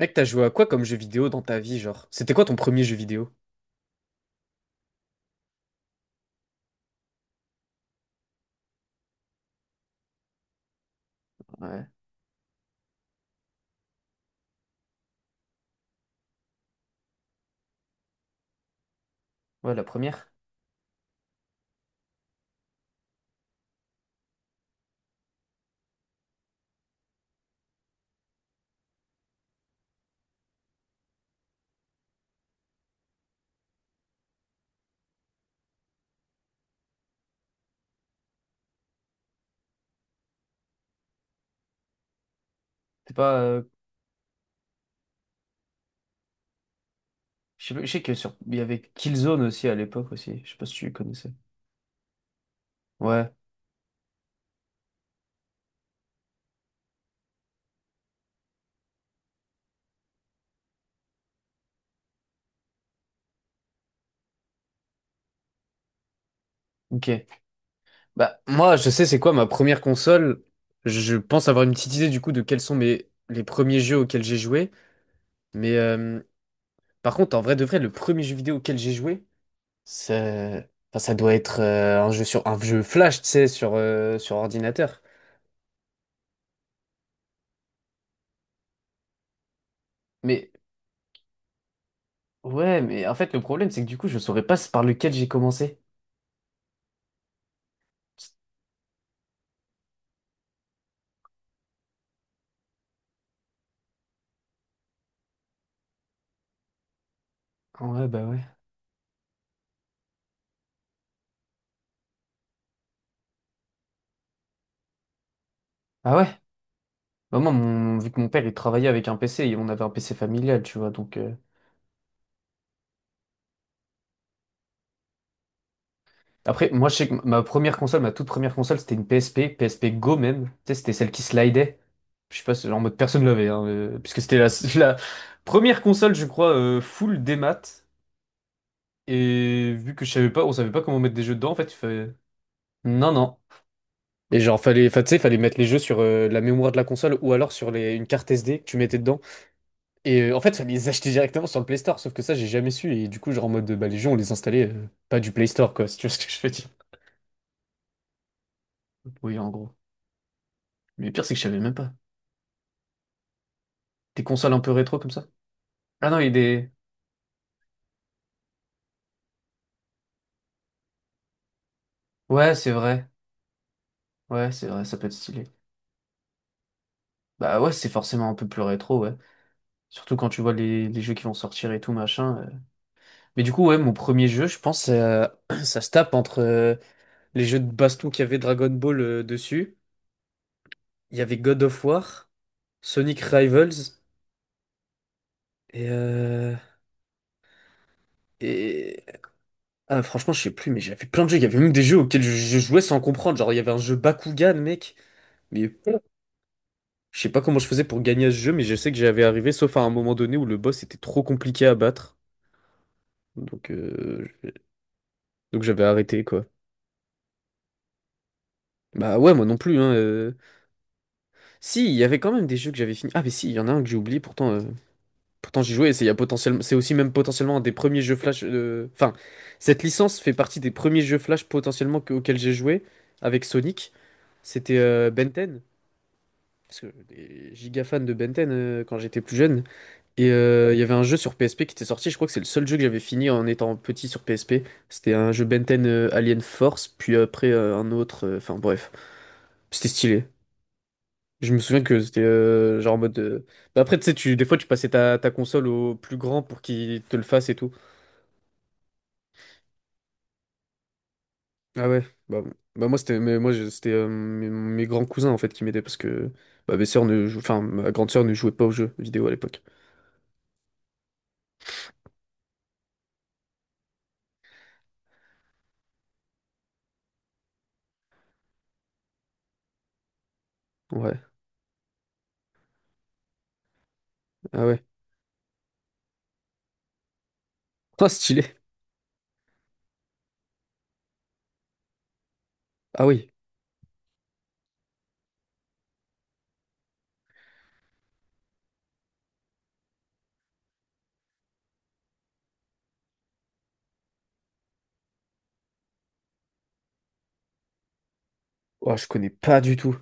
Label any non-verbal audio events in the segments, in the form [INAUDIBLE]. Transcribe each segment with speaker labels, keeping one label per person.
Speaker 1: Mec, t'as joué à quoi comme jeu vidéo dans ta vie, genre? C'était quoi ton premier jeu vidéo? Ouais, ouais, la première. C'est pas, je sais pas- je sais que sur... il y avait Killzone aussi à l'époque aussi. Je sais pas si tu connaissais. Ouais, ok. Bah, moi, je sais c'est quoi ma première console. Je pense avoir une petite idée du coup de quels sont mes les premiers jeux auxquels j'ai joué. Mais par contre, en vrai de vrai, le premier jeu vidéo auquel j'ai joué, ça, enfin, ça doit être un jeu sur un jeu flash, tu sais, sur ordinateur. Mais ouais, mais en fait, le problème, c'est que du coup, je saurais pas par lequel j'ai commencé. Ah, ouais, bah ouais. Ah ouais? Bah moi, vu que mon père, il travaillait avec un PC, et on avait un PC familial, tu vois, donc... après, moi, je sais que ma première console, ma toute première console, c'était une PSP, PSP Go même. Tu sais, c'était celle qui slidait. Je sais pas, en mode personne l'avait, hein, puisque c'était la, [LAUGHS] la première console, je crois, full démat. Et vu que je savais pas, on savait pas comment mettre des jeux dedans, en fait, il fallait... Non, non. Et genre, fallait, tu sais, fallait mettre les jeux sur la mémoire de la console ou alors sur une carte SD que tu mettais dedans. Et en fait, fallait les [LAUGHS] acheter directement sur le Play Store. Sauf que ça, j'ai jamais su. Et du coup, genre, en mode, bah, les jeux, on les installait pas du Play Store, quoi, si tu vois ce que je veux dire. Oui, en gros. Mais le pire, c'est que je savais même pas. Des consoles un peu rétro comme ça? Ah non, il y a des. Ouais, c'est vrai. Ouais, c'est vrai, ça peut être stylé. Bah ouais, c'est forcément un peu plus rétro, ouais. Surtout quand tu vois les jeux qui vont sortir et tout, machin. Mais du coup, ouais, mon premier jeu, je pense, [CLEARS THROAT] ça se tape entre les jeux de baston qu'il y avait Dragon Ball dessus. Il y avait God of War, Sonic Rivals et, euh, et. Ah, franchement, je sais plus, mais j'avais plein de jeux. Il y avait même des jeux auxquels je jouais sans comprendre. Genre, il y avait un jeu Bakugan, mec. Mais je sais pas comment je faisais pour gagner à ce jeu, mais je sais que j'avais arrivé, sauf à un moment donné où le boss était trop compliqué à battre. Donc, euh, je- donc j'avais arrêté, quoi. Bah ouais, moi non plus, hein. Si, il y avait quand même des jeux que j'avais fini. Ah, mais si, il y en a un que j'ai oublié pourtant. Pourtant, j'y jouais, et c'est il y a potentiellement, c'est aussi même potentiellement un des premiers jeux Flash. Enfin, cette licence fait partie des premiers jeux Flash potentiellement auxquels j'ai joué avec Sonic. C'était Ben 10, parce que j'étais giga fan de Ben 10 quand j'étais plus jeune. Et il y avait un jeu sur PSP qui était sorti. Je crois que c'est le seul jeu que j'avais fini en étant petit sur PSP. C'était un jeu Ben 10 Alien Force, puis après un autre. Enfin bref, c'était stylé. Je me souviens que c'était genre en mode. Bah après, tu sais, des fois, tu passais ta console au plus grand pour qu'il te le fasse et tout. Ah ouais, bon. Bah moi c'était, mais c'était mes grands cousins en fait qui m'aidaient parce que bah, mes sœurs ne jou- enfin ma grande sœur ne jouait pas aux jeux vidéo à l'époque. Ouais. Ah ouais. Oh stylé. Ah oui. Oh, je connais pas du tout.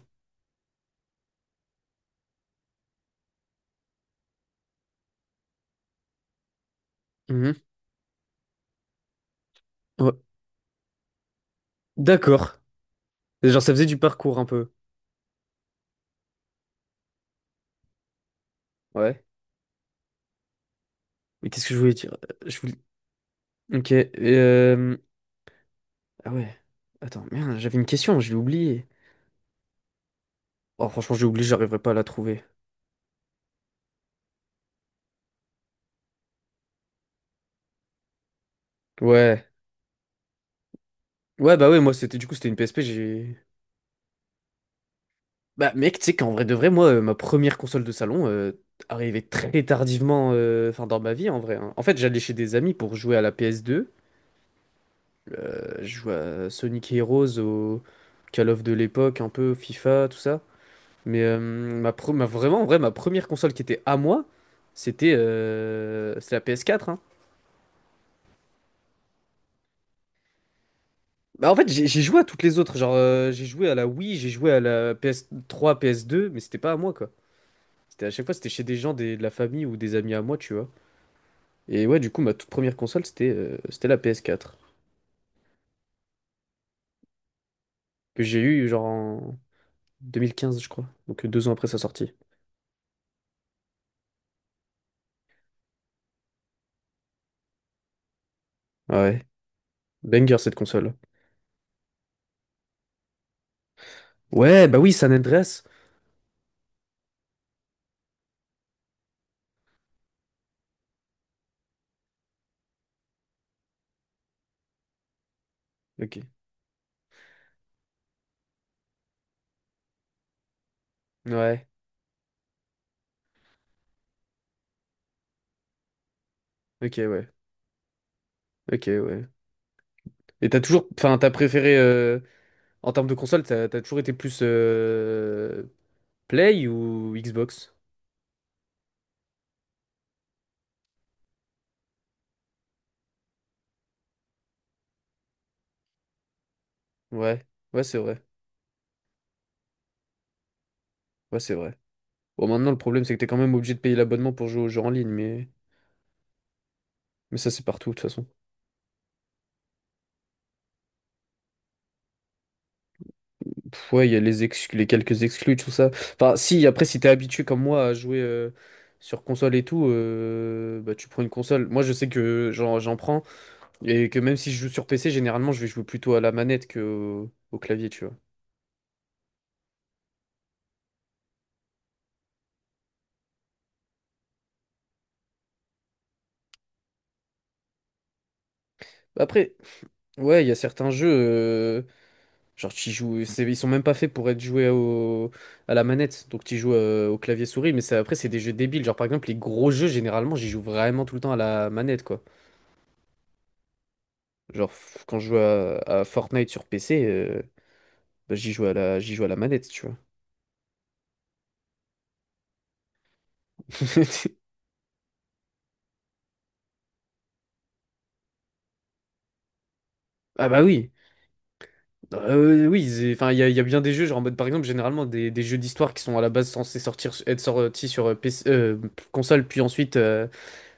Speaker 1: Mhm. Ouais. D'accord. Genre ça faisait du parcours un peu. Ouais. Mais qu'est-ce que je voulais dire? Je voulais. OK. Et, euh, ah ouais. Attends, merde, j'avais une question, je l'ai oubliée. Oh, franchement, j'ai oublié, j'arriverai pas à la trouver. Ouais. Ouais, bah ouais, moi c'était du coup c'était une PSP, j'ai. Bah mec, tu sais qu'en vrai de vrai, moi, ma première console de salon arrivait très tardivement, enfin dans ma vie en vrai, hein. En fait, j'allais chez des amis pour jouer à la PS2. Je jouais à Sonic Heroes, au Call of de l'époque, un peu FIFA, tout ça. Mais ma, vraiment, en vrai, ma première console qui était à moi, c'était c'est la PS4, hein. Bah en fait, j'ai joué à toutes les autres. Genre, j'ai joué à la Wii, j'ai joué à la PS3, PS2, mais c'était pas à moi quoi. C'était à chaque fois, c'était chez des gens de la famille ou des amis à moi, tu vois. Et ouais, du coup, ma toute première console, c'était la PS4, que j'ai eue genre en 2015, je crois. Donc 2 ans après sa sortie. Ouais. Banger cette console. Ouais, bah oui, San Andreas. Ok. Ouais. Ok, ouais. Ok, ouais. Et t'as toujours. Enfin, t'as préféré, en termes de console, t'as toujours été plus Play ou Xbox? Ouais. Ouais, c'est vrai. Ouais, c'est vrai. Bon, maintenant, le problème, c'est que t'es quand même obligé de payer l'abonnement pour jouer aux jeux en ligne, mais, ça, c'est partout, de toute façon. Pff, ouais, il y a les, exclus, les quelques exclus, tout ça. Enfin, si, après, si t'es habitué comme moi à jouer sur console et tout, bah, tu prends une console. Moi, je sais que j'en prends et que même si je joue sur PC, généralement, je vais jouer plutôt à la manette que au clavier, tu vois. Après, ouais, il y a certains jeux, genre, tu joues, ils sont même pas faits pour être joués à la manette, donc tu joues au clavier souris, mais ça, après, c'est des jeux débiles. Genre, par exemple, les gros jeux, généralement, j'y joue vraiment tout le temps à la manette, quoi. Genre, quand je joue à Fortnite sur PC. Bah, j'y joue à la manette, tu vois. [LAUGHS] Ah bah oui. Oui, enfin, il y a bien des jeux, genre en mode par exemple, généralement des jeux d'histoire qui sont à la base censés sortir, être sortis sur PC, console, puis ensuite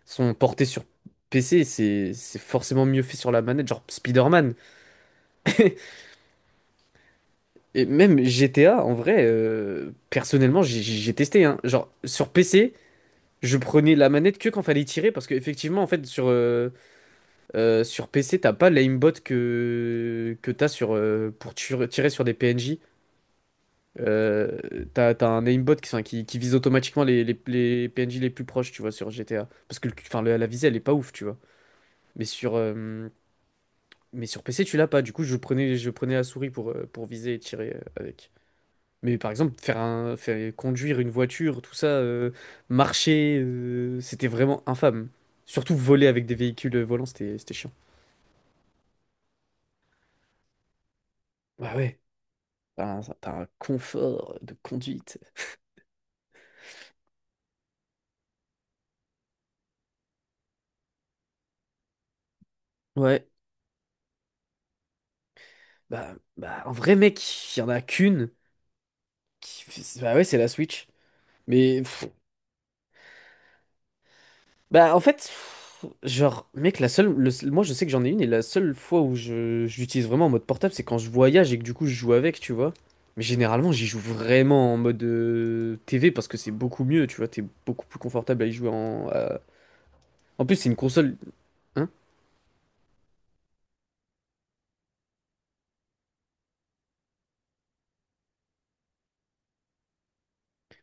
Speaker 1: sont portés sur PC, c'est forcément mieux fait sur la manette, genre Spider-Man. [LAUGHS] Et même GTA, en vrai, personnellement, j'ai testé, hein. Genre, sur PC, je prenais la manette que quand fallait tirer, parce qu'effectivement, en fait, sur PC, t'as pas l'aimbot que t'as sur, pour tirer sur des PNJ. Euh, t'as un aimbot qui, enfin, qui vise automatiquement les PNJ les plus proches, tu vois, sur GTA. Parce que enfin, la visée, elle est pas ouf, tu vois. Mais sur, euh, mais sur PC, tu l'as pas. Du coup, je prenais la souris pour viser et tirer avec. Mais par exemple, faire, conduire une voiture, tout ça, marcher, c'était vraiment infâme. Surtout voler avec des véhicules volants, c'était chiant. Bah ouais. T'as un confort de conduite. Ouais. Bah, un vrai mec, il y en a qu'une. Qui... Bah ouais, c'est la Switch. Mais, pff, bah en fait, pff, genre, mec, la seule, moi je sais que j'en ai une et la seule fois où je l'utilise vraiment en mode portable, c'est quand je voyage et que du coup je joue avec, tu vois. Mais généralement, j'y joue vraiment en mode TV parce que c'est beaucoup mieux, tu vois. T'es beaucoup plus confortable à y jouer en. En plus, c'est une console. Hein?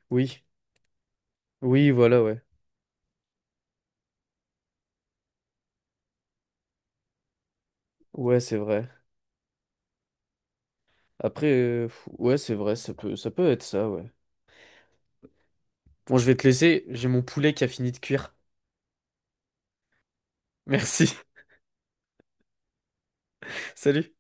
Speaker 1: Oui. Oui, voilà, ouais. Ouais, c'est vrai. Après, pff, ouais, c'est vrai, ça peut être ça, ouais. Bon, je vais te laisser, j'ai mon poulet qui a fini de cuire. Merci, [LAUGHS] salut.